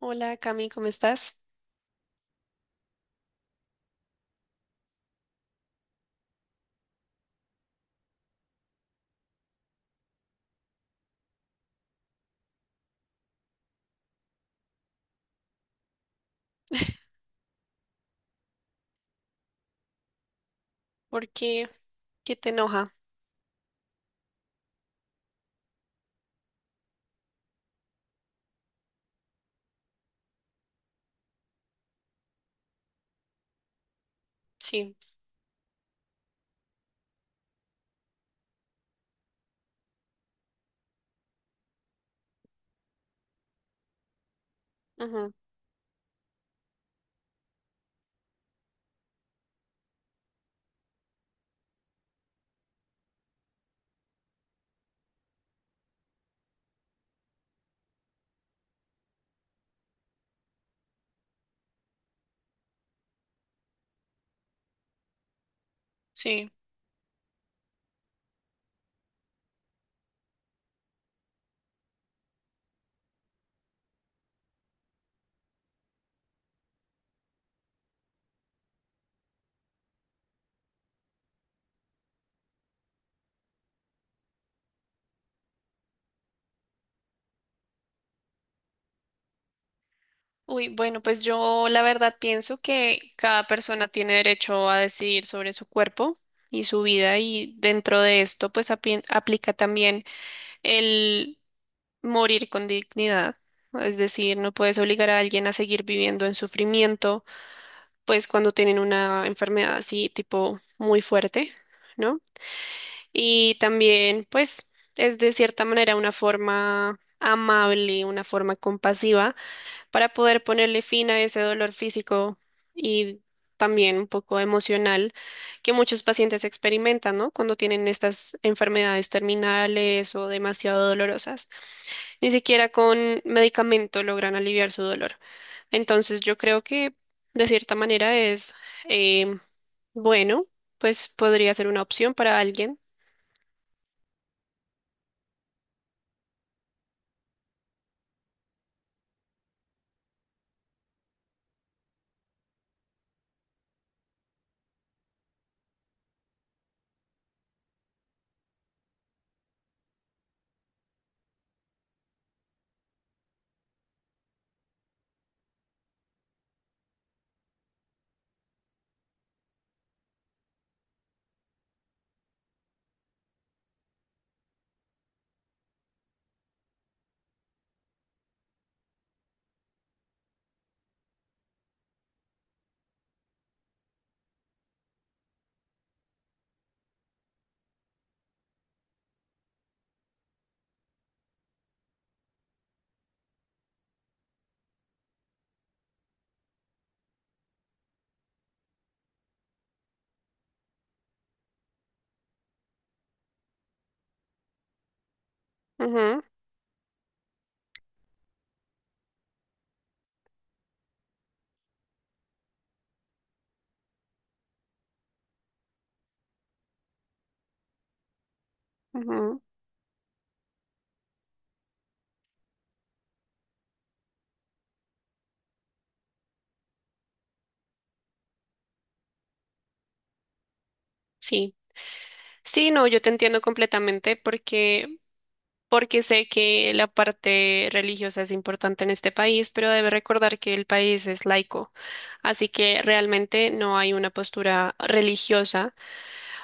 Hola Cami, ¿cómo estás? ¿Por qué? ¿Qué te enoja? Sí, ujú, sí. Uy, bueno, pues yo la verdad pienso que cada persona tiene derecho a decidir sobre su cuerpo y su vida y dentro de esto pues aplica también el morir con dignidad. Es decir, no puedes obligar a alguien a seguir viviendo en sufrimiento, pues cuando tienen una enfermedad así tipo muy fuerte, ¿no? Y también, pues, es de cierta manera una forma amable, una forma compasiva para poder ponerle fin a ese dolor físico y también un poco emocional que muchos pacientes experimentan, ¿no? Cuando tienen estas enfermedades terminales o demasiado dolorosas. Ni siquiera con medicamento logran aliviar su dolor. Entonces, yo creo que de cierta manera eh, bueno, pues podría ser una opción para alguien. Ujú, ujú, sí, sí, no, yo te entiendo completamente porque sé que la parte religiosa es importante en este país, pero debe recordar que el país es laico, así que realmente no hay una postura religiosa.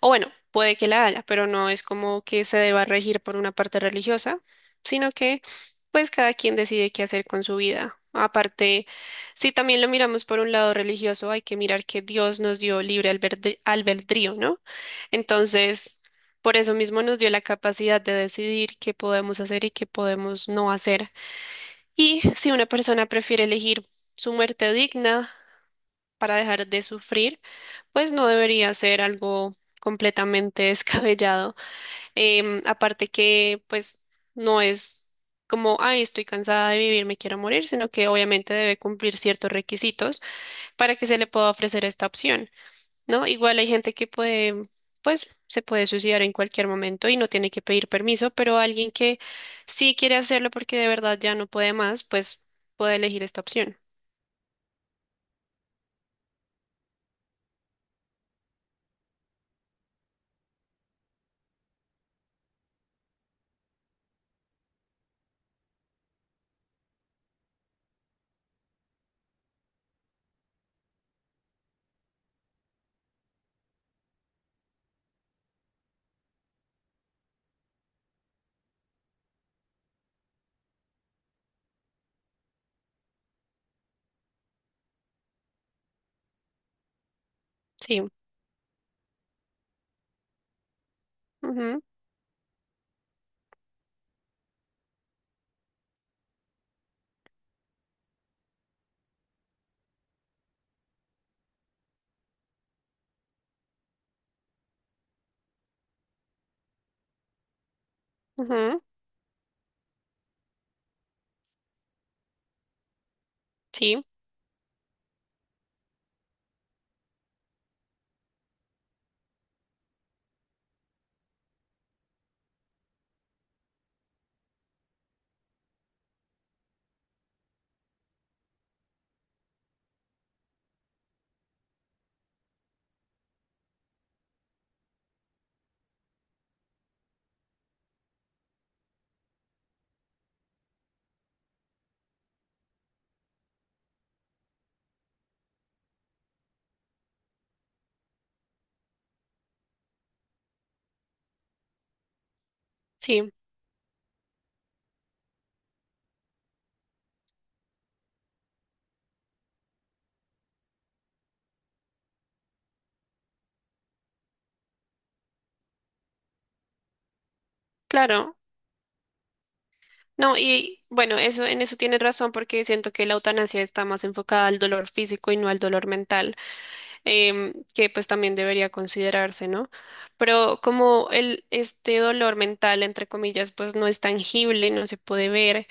O bueno, puede que la haya, pero no es como que se deba regir por una parte religiosa, sino que pues cada quien decide qué hacer con su vida. Aparte, si también lo miramos por un lado religioso, hay que mirar que Dios nos dio libre albedrío, ¿no? Entonces, por eso mismo nos dio la capacidad de decidir qué podemos hacer y qué podemos no hacer. Y si una persona prefiere elegir su muerte digna para dejar de sufrir, pues no debería ser algo completamente descabellado. Aparte que, pues, no es como, ay, estoy cansada de vivir, me quiero morir, sino que obviamente debe cumplir ciertos requisitos para que se le pueda ofrecer esta opción, ¿no? Igual hay gente que puede, pues, se puede suicidar en cualquier momento y no tiene que pedir permiso, pero alguien que sí quiere hacerlo porque de verdad ya no puede más, pues puede elegir esta opción. Sí. Ujú, ujú, sí, sí, claro. No, y bueno, eso, en eso tienes razón porque siento que la eutanasia está más enfocada al dolor físico y no al dolor mental, que pues también debería considerarse, ¿no? Pero como este dolor mental, entre comillas, pues no es tangible, no se puede ver,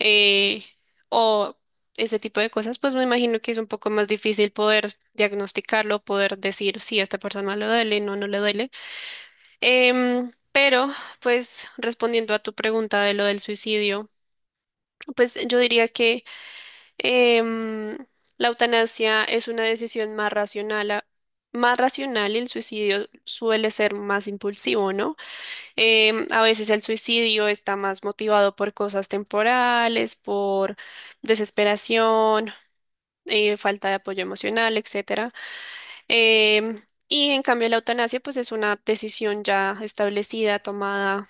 eh, o ese tipo de cosas, pues me imagino que es un poco más difícil poder diagnosticarlo, poder decir si a esta persona le duele, no, no le duele. Em, pero, pues, respondiendo a tu pregunta de lo del suicidio. Pues yo diría que em, la eutanasia es una decisión más más racional y el suicidio suele ser más impulsivo, ¿no? A veces el suicidio está más motivado por cosas temporales, por desesperación, falta de apoyo emocional, etcétera. Em, y en cambio la eutanasia pues es una decisión ya establecida, tomada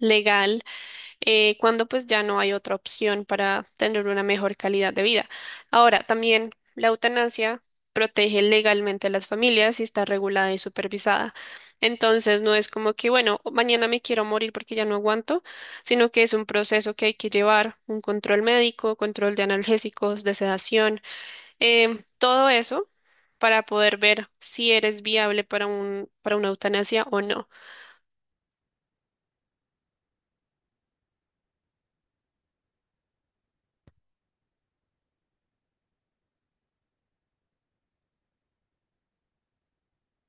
legal, cuando pues ya no hay otra opción para tener una mejor calidad de vida. Ahora, también la eutanasia protege legalmente a las familias y está regulada y supervisada. Entonces, no es como que, bueno, mañana me quiero morir porque ya no aguanto, sino que es un proceso que hay que llevar, un control médico, control de analgésicos, de sedación, todo eso para poder ver si eres viable para para una eutanasia o no.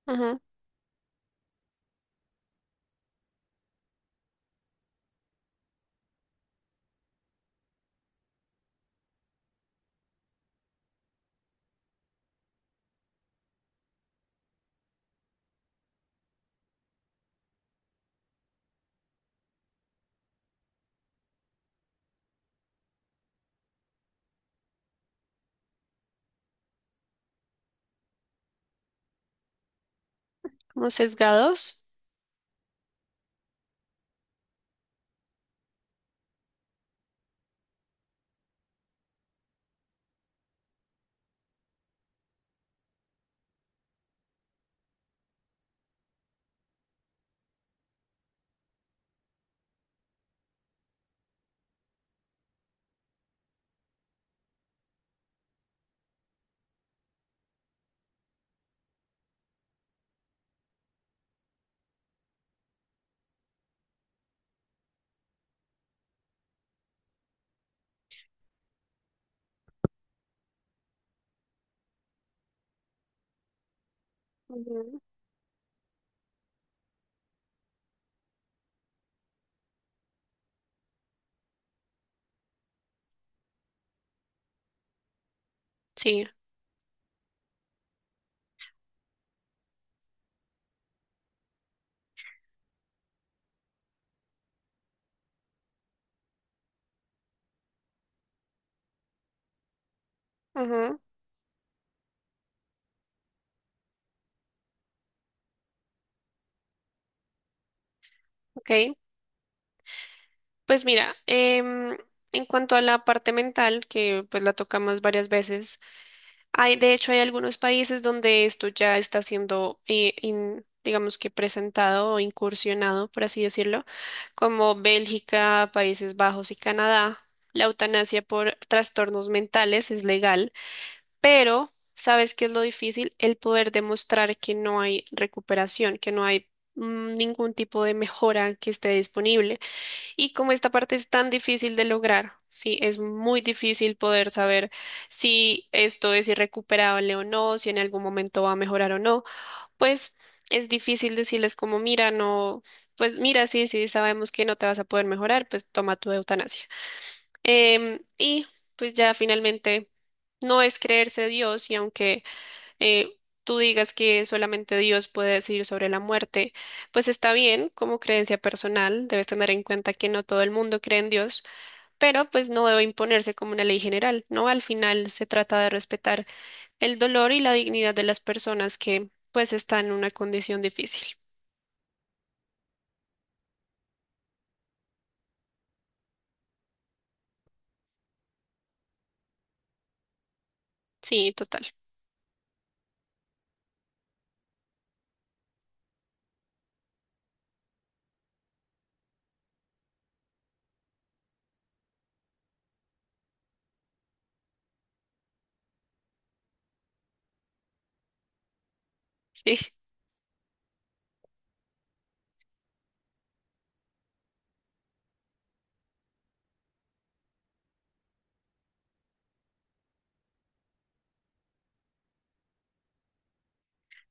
Ujú, como sesgados. Ujú. Sí. Ujú. Ok, pues mira, en cuanto a la parte mental, que pues la tocamos varias veces, de hecho hay algunos países donde esto ya está siendo, digamos que presentado o incursionado, por así decirlo, como Bélgica, Países Bajos y Canadá. La eutanasia por trastornos mentales es legal, pero ¿sabes qué es lo difícil? El poder demostrar que no hay recuperación, que no hay ningún tipo de mejora que esté disponible. Y como esta parte es tan difícil de lograr, sí, es muy difícil poder saber si esto es irrecuperable o no, si en algún momento va a mejorar o no, pues es difícil decirles como, mira, no, pues mira, sí, sí, sabemos que no te vas a poder mejorar, pues toma tu eutanasia. Y pues ya finalmente no es creerse Dios y aunque eh, tú digas que solamente Dios puede decidir sobre la muerte, pues está bien como creencia personal, debes tener en cuenta que no todo el mundo cree en Dios, pero pues no debe imponerse como una ley general, ¿no? Al final se trata de respetar el dolor y la dignidad de las personas que pues están en una condición difícil. Sí, total. Sí,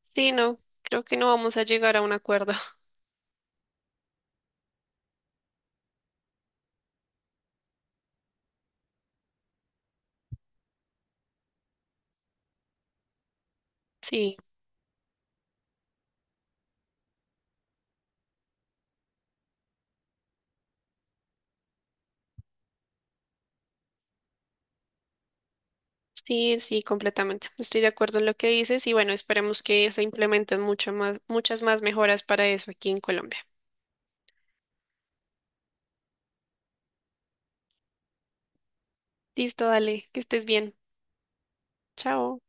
sí, no, creo que no vamos a llegar a un acuerdo. Sí. Sí, sí, completamente. Estoy de acuerdo en lo que dices y bueno, esperemos que se implementen mucho más, muchas más mejoras para eso aquí en Colombia. Listo, dale, que estés bien. Chao.